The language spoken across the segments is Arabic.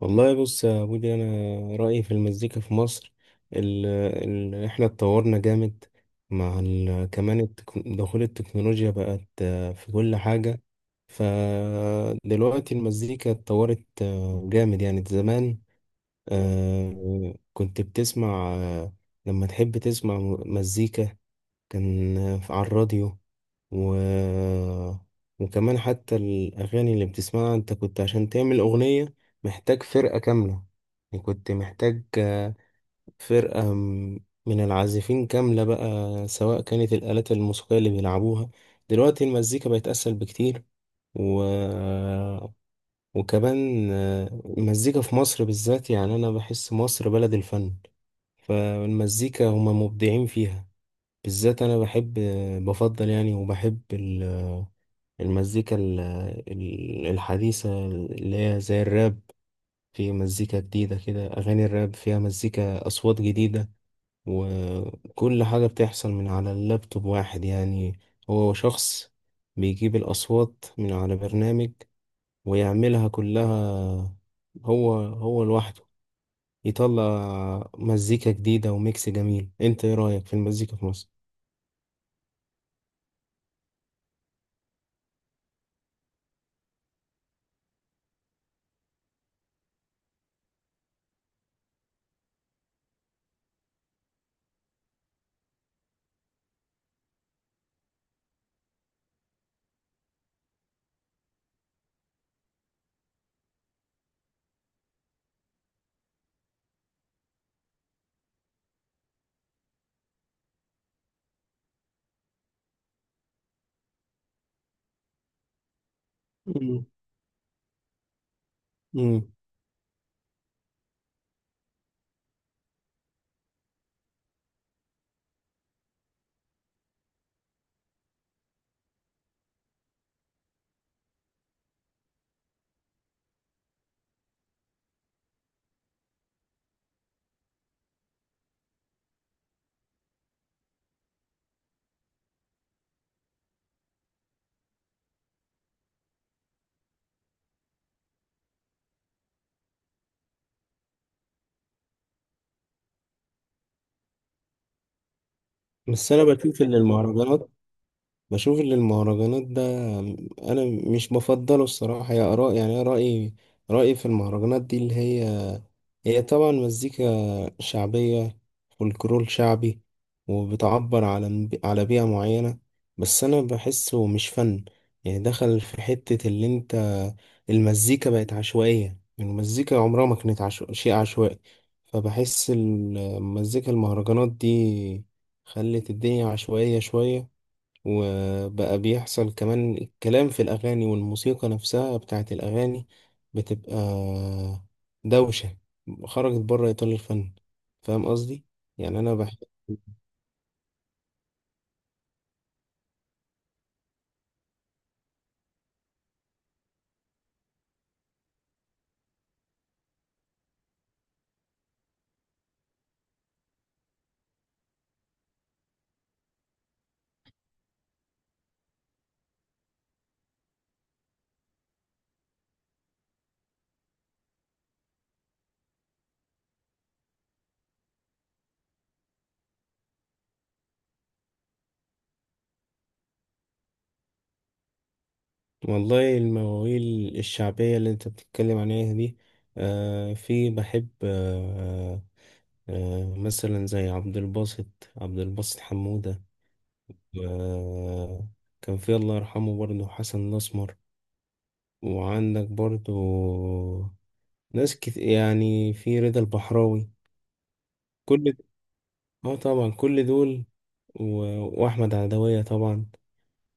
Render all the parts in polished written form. والله، بص يا بودي، انا رايي في المزيكا في مصر. ال ال احنا اتطورنا جامد، مع كمان دخول التكنولوجيا، بقت في كل حاجه. فدلوقتي المزيكا اتطورت جامد. يعني زمان، كنت بتسمع، لما تحب تسمع مزيكا، كان على الراديو، و... وكمان حتى الأغاني اللي بتسمعها أنت، كنت عشان تعمل أغنية محتاج فرقة كاملة. يعني كنت محتاج فرقة من العازفين كاملة بقى، سواء كانت الآلات الموسيقية اللي بيلعبوها. دلوقتي المزيكا بقت أسهل بكتير، و... وكمان المزيكا في مصر بالذات. يعني أنا بحس مصر بلد الفن، فالمزيكا هما مبدعين فيها. بالذات أنا بحب، بفضل يعني، وبحب المزيكا الحديثة اللي هي زي الراب. في مزيكا جديدة كده، أغاني الراب فيها مزيكا، أصوات جديدة، وكل حاجة بتحصل من على اللابتوب. واحد يعني، هو شخص بيجيب الأصوات من على برنامج ويعملها كلها، هو هو لوحده يطلع مزيكا جديدة وميكس جميل. انت ايه رأيك في المزيكا في مصر؟ مم. مم. بس انا بشوف ان المهرجانات، بشوف ان المهرجانات ده انا مش بفضله الصراحه يا اراء. يعني انا رايي في المهرجانات دي، اللي هي هي طبعا مزيكا شعبيه، فولكلور شعبي، وبتعبر على بيئه معينه. بس انا بحسه مش فن. يعني دخل في حته اللي انت، المزيكا بقت عشوائيه. المزيكا عمرها ما كانت شيء عشوائي. فبحس المزيكا المهرجانات دي خلت الدنيا عشوائيه شويه. وبقى بيحصل كمان الكلام في الأغاني، والموسيقى نفسها بتاعت الأغاني بتبقى دوشة، خرجت بره إطار الفن. فاهم قصدي؟ يعني أنا بحب. والله المواويل الشعبية اللي أنت بتتكلم عليها دي، في بحب. مثلا زي عبد الباسط، عبد الباسط حمودة. آه كان في، الله يرحمه، برضه حسن الأسمر، وعندك برضه ناس يعني في رضا البحراوي. كل، اه طبعا كل دول، و... واحمد عدوية طبعا.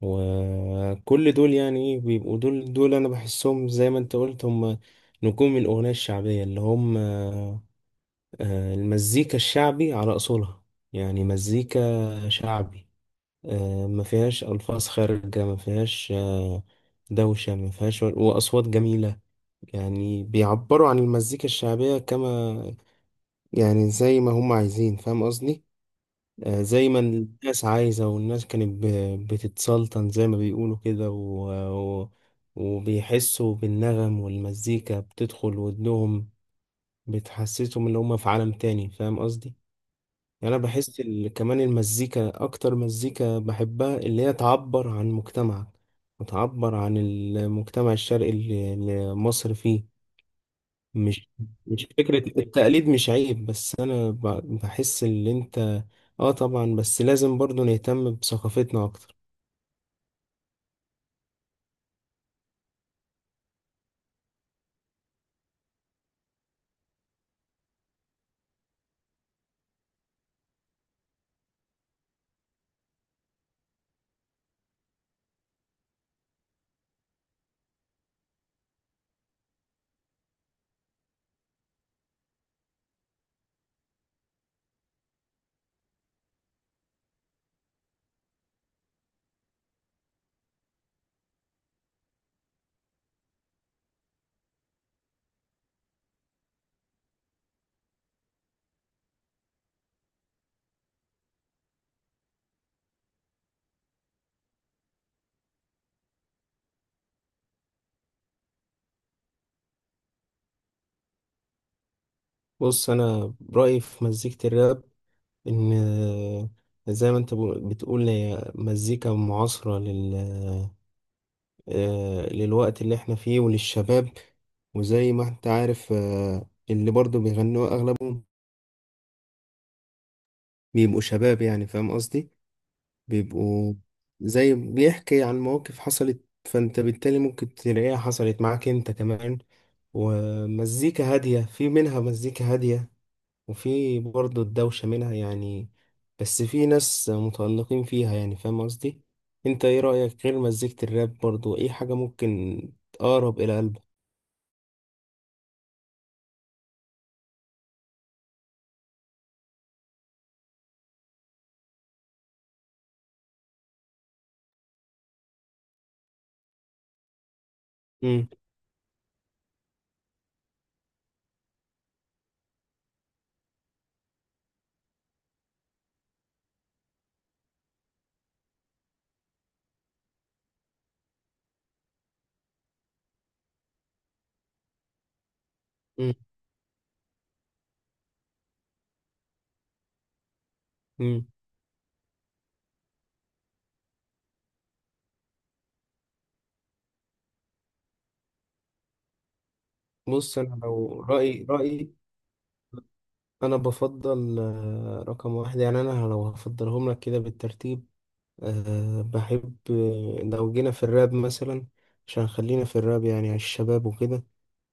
وكل دول يعني ايه، بيبقوا دول. انا بحسهم زي ما انت قلت، هم نجوم الاغنية الشعبية، اللي هم المزيكا الشعبي على اصولها. يعني مزيكا شعبي، ما فيهاش الفاظ خارجة، ما فيهاش دوشة، ما فيهاش، وأصوات جميلة. يعني بيعبروا عن المزيكا الشعبية، كما يعني زي ما هم عايزين. فاهم قصدي؟ زي ما الناس عايزة، والناس كانت بتتسلطن زي ما بيقولوا كده، و... وبيحسوا بالنغم، والمزيكا بتدخل ودنهم، بتحسسهم ان هم في عالم تاني. فاهم قصدي؟ يعني انا بحس كمان المزيكا، اكتر مزيكا بحبها اللي هي تعبر عن مجتمعك، وتعبر عن المجتمع الشرقي اللي مصر فيه. مش مش فكرة التقليد، مش عيب، بس أنا بحس إن أنت. آه طبعا، بس لازم برضو نهتم بثقافتنا أكتر. بص أنا رأيي في مزيكة الراب، إن زي ما أنت بتقول، هي مزيكا معاصرة لل، للوقت اللي إحنا فيه وللشباب. وزي ما أنت عارف اللي برضو بيغنوا أغلبهم بيبقوا شباب، يعني فاهم قصدي؟ بيبقوا زي بيحكي عن مواقف حصلت، فانت بالتالي ممكن تلاقيها حصلت معاك انت كمان. ومزيكا هادية، في منها مزيكا هادية، وفي برضه الدوشة منها يعني، بس في ناس متألقين فيها يعني. فاهم قصدي؟ انت ايه رأيك غير مزيكة الراب، برضه ايه حاجة ممكن تقرب إلى قلبك؟ مم. مم. مم. بص انا لو رأيي انا بفضل، رقم واحد. يعني انا لو هفضلهم لك كده بالترتيب، بحب، لو جينا في الراب مثلا، عشان خلينا في الراب يعني، على الشباب وكده.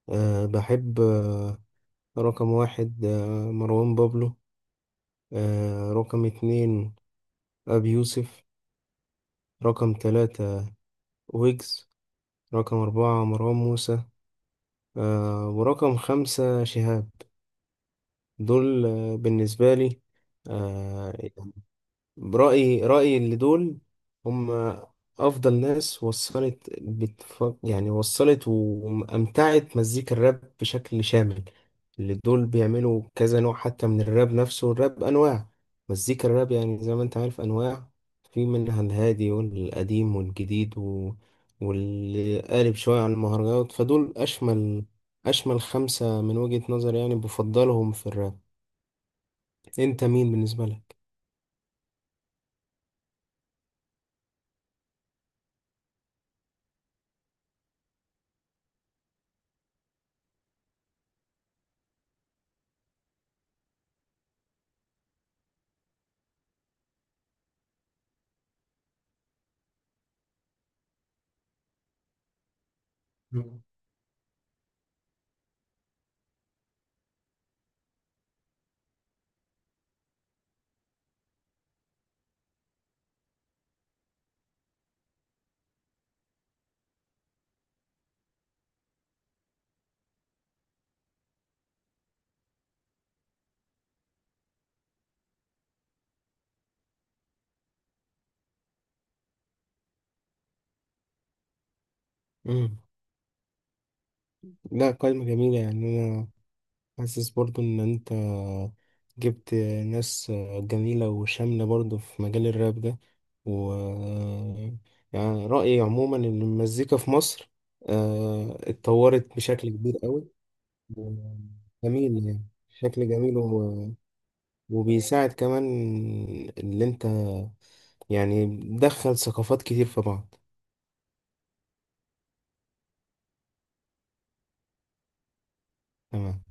أه بحب أه رقم واحد مروان بابلو، رقم اتنين أبي يوسف، رقم تلاتة ويجز، رقم أربعة مروان موسى، ورقم خمسة شهاب. دول بالنسبة لي، أه رأيي، اللي دول هم أفضل ناس وصلت، يعني وصلت وأمتعت مزيكا الراب بشكل شامل. اللي دول بيعملوا كذا نوع حتى من الراب نفسه. الراب أنواع، مزيكا الراب يعني زي ما أنت عارف أنواع، في منها الهادي والقديم والجديد، واللي قالب شوية على المهرجانات، فدول أشمل. أشمل خمسة من وجهة نظري يعني، بفضلهم في الراب. أنت مين بالنسبة لك؟ مم. مم. لا، قايمة جميلة. يعني أنا حاسس برضو إن أنت جبت ناس جميلة وشاملة برضو في مجال الراب ده. و يعني رأيي عموما إن المزيكا في مصر اتطورت بشكل كبير قوي، جميل. يعني شكل جميل، وبيساعد كمان اللي أنت، يعني بتدخل ثقافات كتير في بعض. تمام.